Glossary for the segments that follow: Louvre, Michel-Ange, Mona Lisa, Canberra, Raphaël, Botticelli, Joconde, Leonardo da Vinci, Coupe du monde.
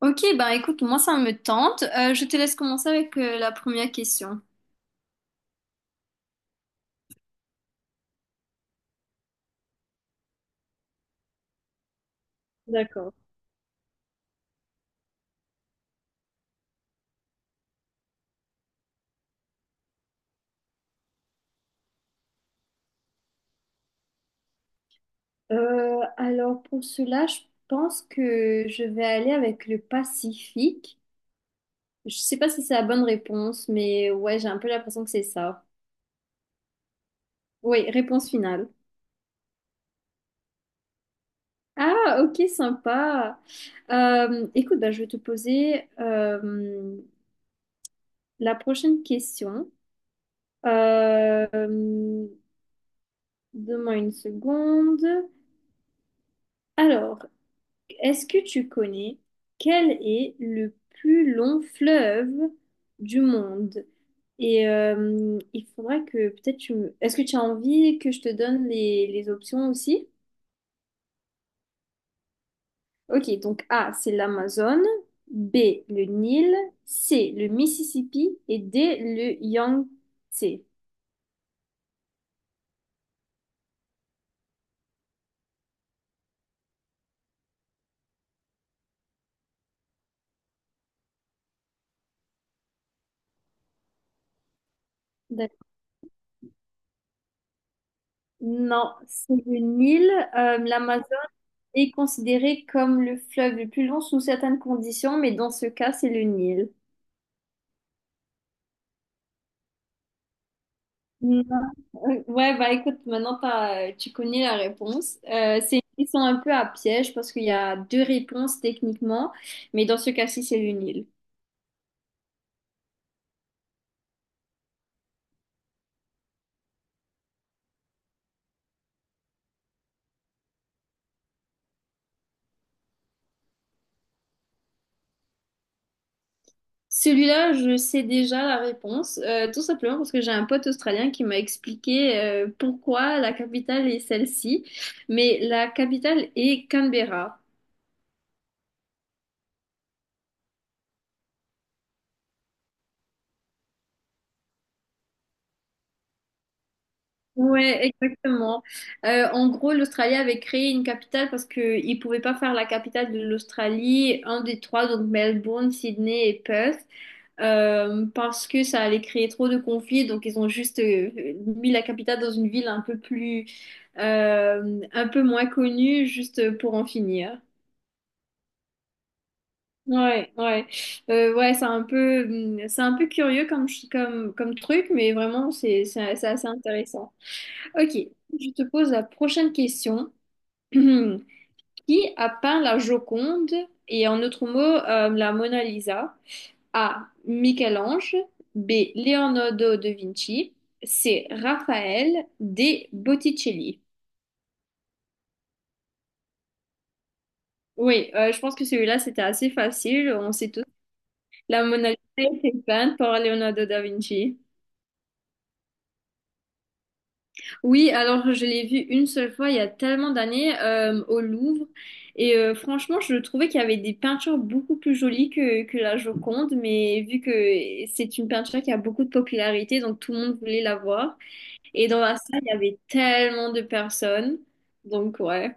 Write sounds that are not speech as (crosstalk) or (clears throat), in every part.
Ok, ben écoute, moi ça me tente. Je te laisse commencer avec la première question. D'accord. Alors pour cela, je pense que je vais aller avec le Pacifique. Je sais pas si c'est la bonne réponse, mais ouais, j'ai un peu l'impression que c'est ça. Oui, réponse finale. Ah, ok, sympa. Écoute, bah, je vais te poser la prochaine question. Euh, donne-moi une seconde. Alors, est-ce que tu connais quel est le plus long fleuve du monde? Et il faudrait que peut-être est-ce que tu as envie que je te donne les options aussi? Ok, donc A, c'est l'Amazone, B, le Nil, C, le Mississippi et D, le Yangtze. D'ac- Non, c'est le Nil. L'Amazone est considéré comme le fleuve le plus long sous certaines conditions, mais dans ce cas, c'est le Nil. Ouais, bah écoute, maintenant tu connais la réponse. C'est une question un peu à piège parce qu'il y a deux réponses techniquement, mais dans ce cas-ci, c'est le Nil. Celui-là, je sais déjà la réponse, tout simplement parce que j'ai un pote australien qui m'a expliqué pourquoi la capitale est celle-ci, mais la capitale est Canberra. Ouais, exactement. En gros, l'Australie avait créé une capitale parce qu'ils ne pouvaient pas faire la capitale de l'Australie, un des trois, donc Melbourne, Sydney et Perth. Parce que ça allait créer trop de conflits. Donc, ils ont juste mis la capitale dans une ville un peu plus, un peu moins connue, juste pour en finir. Ouais, ouais, ouais, c'est un peu curieux comme truc, mais vraiment, c'est assez intéressant. Ok, je te pose la prochaine question. (clears throat) Qui a peint la Joconde et en autre mot, la Mona Lisa? A. Michel-Ange. B. Leonardo da Vinci. C. Raphaël. D. Botticelli. Oui, je pense que celui-là, c'était assez facile. On sait tous. La Mona Lisa a peinte par Leonardo da Vinci. Oui, alors je l'ai vu une seule fois il y a tellement d'années au Louvre. Et franchement, je trouvais qu'il y avait des peintures beaucoup plus jolies que la Joconde. Mais vu que c'est une peinture qui a beaucoup de popularité, donc tout le monde voulait la voir. Et dans la salle, il y avait tellement de personnes. Donc, ouais.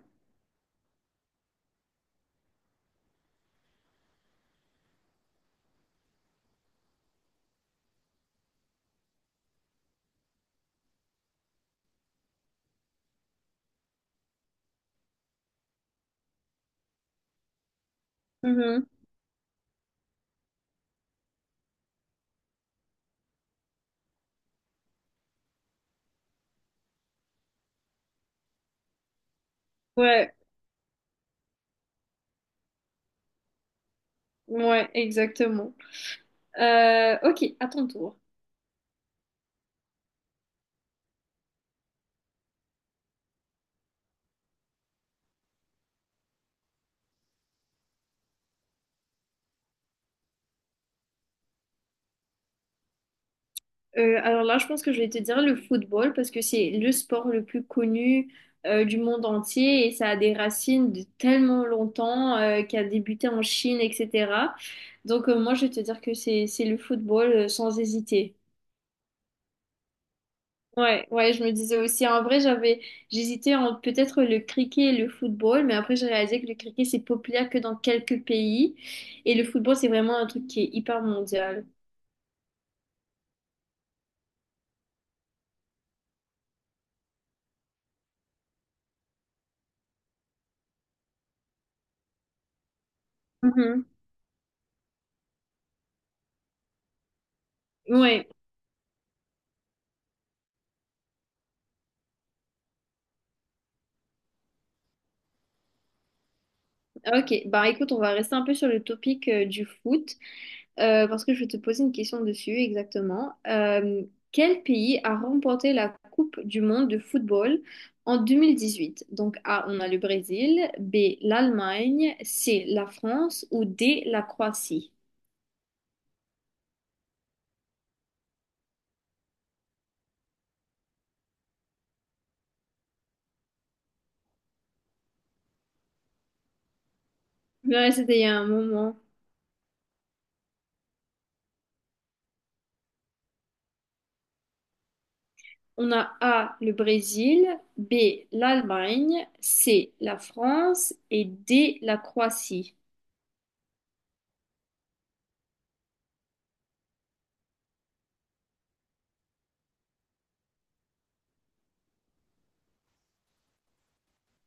Mhm. Ouais, ouais, exactement. Ok, à ton tour. Alors là, je pense que je vais te dire le football parce que c'est le sport le plus connu du monde entier et ça a des racines de tellement longtemps qui a débuté en Chine, etc. Donc, moi, je vais te dire que c'est le football sans hésiter. Ouais, ouais, je me disais aussi, en vrai, j'hésitais entre peut-être le cricket et le football, mais après j'ai réalisé que le cricket c'est populaire que dans quelques pays et le football c'est vraiment un truc qui est hyper mondial. Mhm. Ouais, ok. Bah écoute, on va rester un peu sur le topic du foot parce que je vais te poser une question dessus exactement. Quel pays a remporté la Coupe du monde de football en 2018? Donc A, on a le Brésil, B, l'Allemagne, C, la France ou D, la Croatie? Ouais, c'était il y a un moment. On a A, le Brésil, B, l'Allemagne, C, la France et D, la Croatie.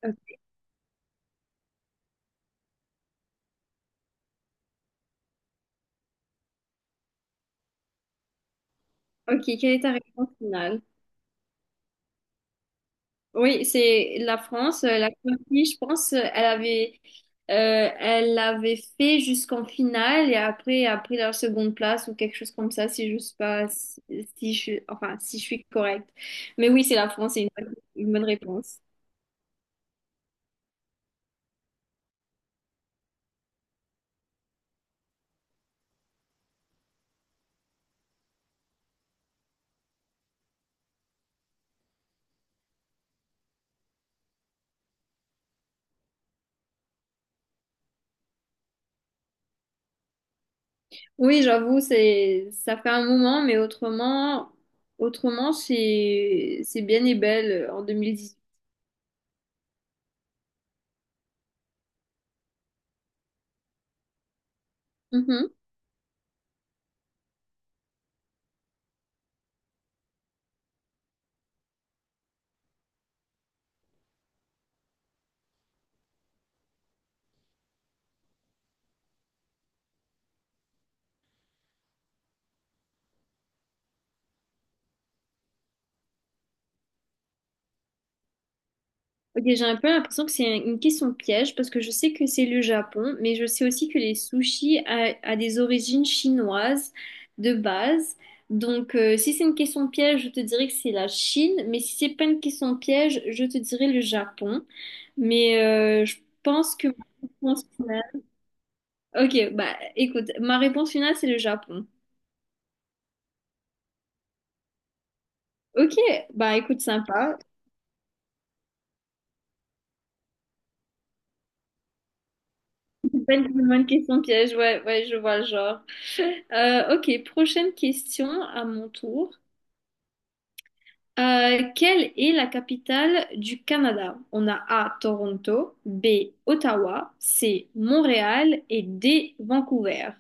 Euh, Ok quelle est ta réponse finale? Oui, c'est la France. La Croatie, je pense, elle l'avait fait jusqu'en finale et après a pris leur seconde place ou quelque chose comme ça, si je suis pas, si, si je, suis- enfin, si je suis correcte. Mais oui, c'est la France, c'est une bonne réponse. Oui, j'avoue, c'est ça fait un moment, mais autrement, c'est bien et belle en 2018. Mhm. Ok, j'ai un peu l'impression que c'est une question piège parce que je sais que c'est le Japon, mais je sais aussi que les sushis a des origines chinoises de base. Donc, si c'est une question piège, je te dirais que c'est la Chine, mais si c'est pas une question piège, je te dirais le Japon. Mais je pense que ma réponse finale- Ok, bah écoute, ma réponse finale, c'est le Japon. Ok, bah écoute, sympa. Une bonne question piège, ouais, ouais, je vois le genre. Ok, prochaine question à mon tour. Quelle est la capitale du Canada? On a A, Toronto, B, Ottawa, C, Montréal et D, Vancouver.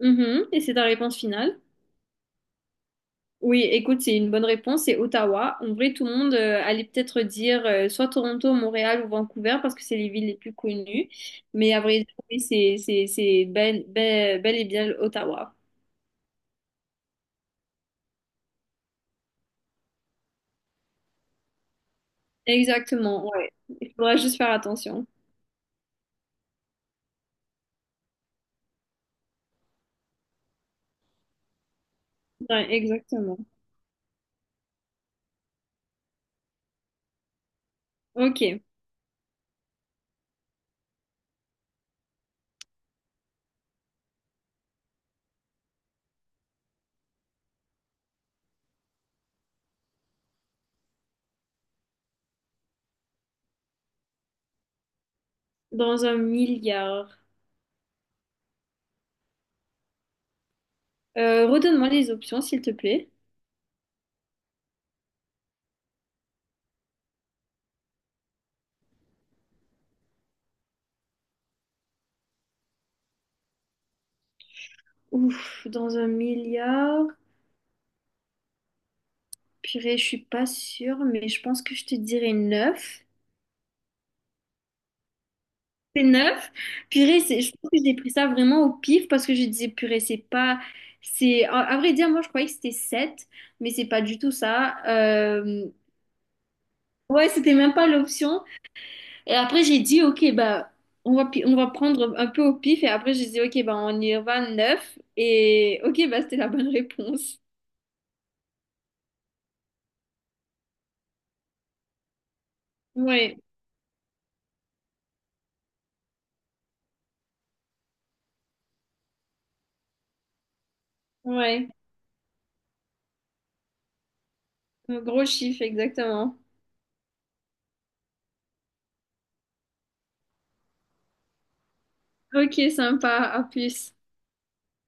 Mhm, et c'est ta réponse finale? Oui, écoute, c'est une bonne réponse, c'est Ottawa. En vrai, tout le monde allait peut-être dire soit Toronto, Montréal ou Vancouver parce que c'est les villes les plus connues. Mais à vrai dire, oui, c'est bel et bien Ottawa. Exactement, ouais. Il faudra juste faire attention. Ouais, exactement. Ok, dans un milliard. Redonne-moi les options, s'il te plaît. Ouf, dans un milliard. Purée, je suis pas sûre, mais je pense que je te dirais neuf. C'est neuf. Purée, je pense que j'ai pris ça vraiment au pif parce que je disais, purée, c'est pas. C'est, à vrai dire, moi, je croyais que c'était 7 mais c'est pas du tout ça. Ouais, c'était même pas l'option. Et après, j'ai dit, OK, bah, on va prendre un peu au pif. Et après, j'ai dit, OK, bah, on y va 9. Et OK, bah, c'était la bonne réponse. Ouais, ouais. Un gros chiffre, exactement. OK, sympa. À plus.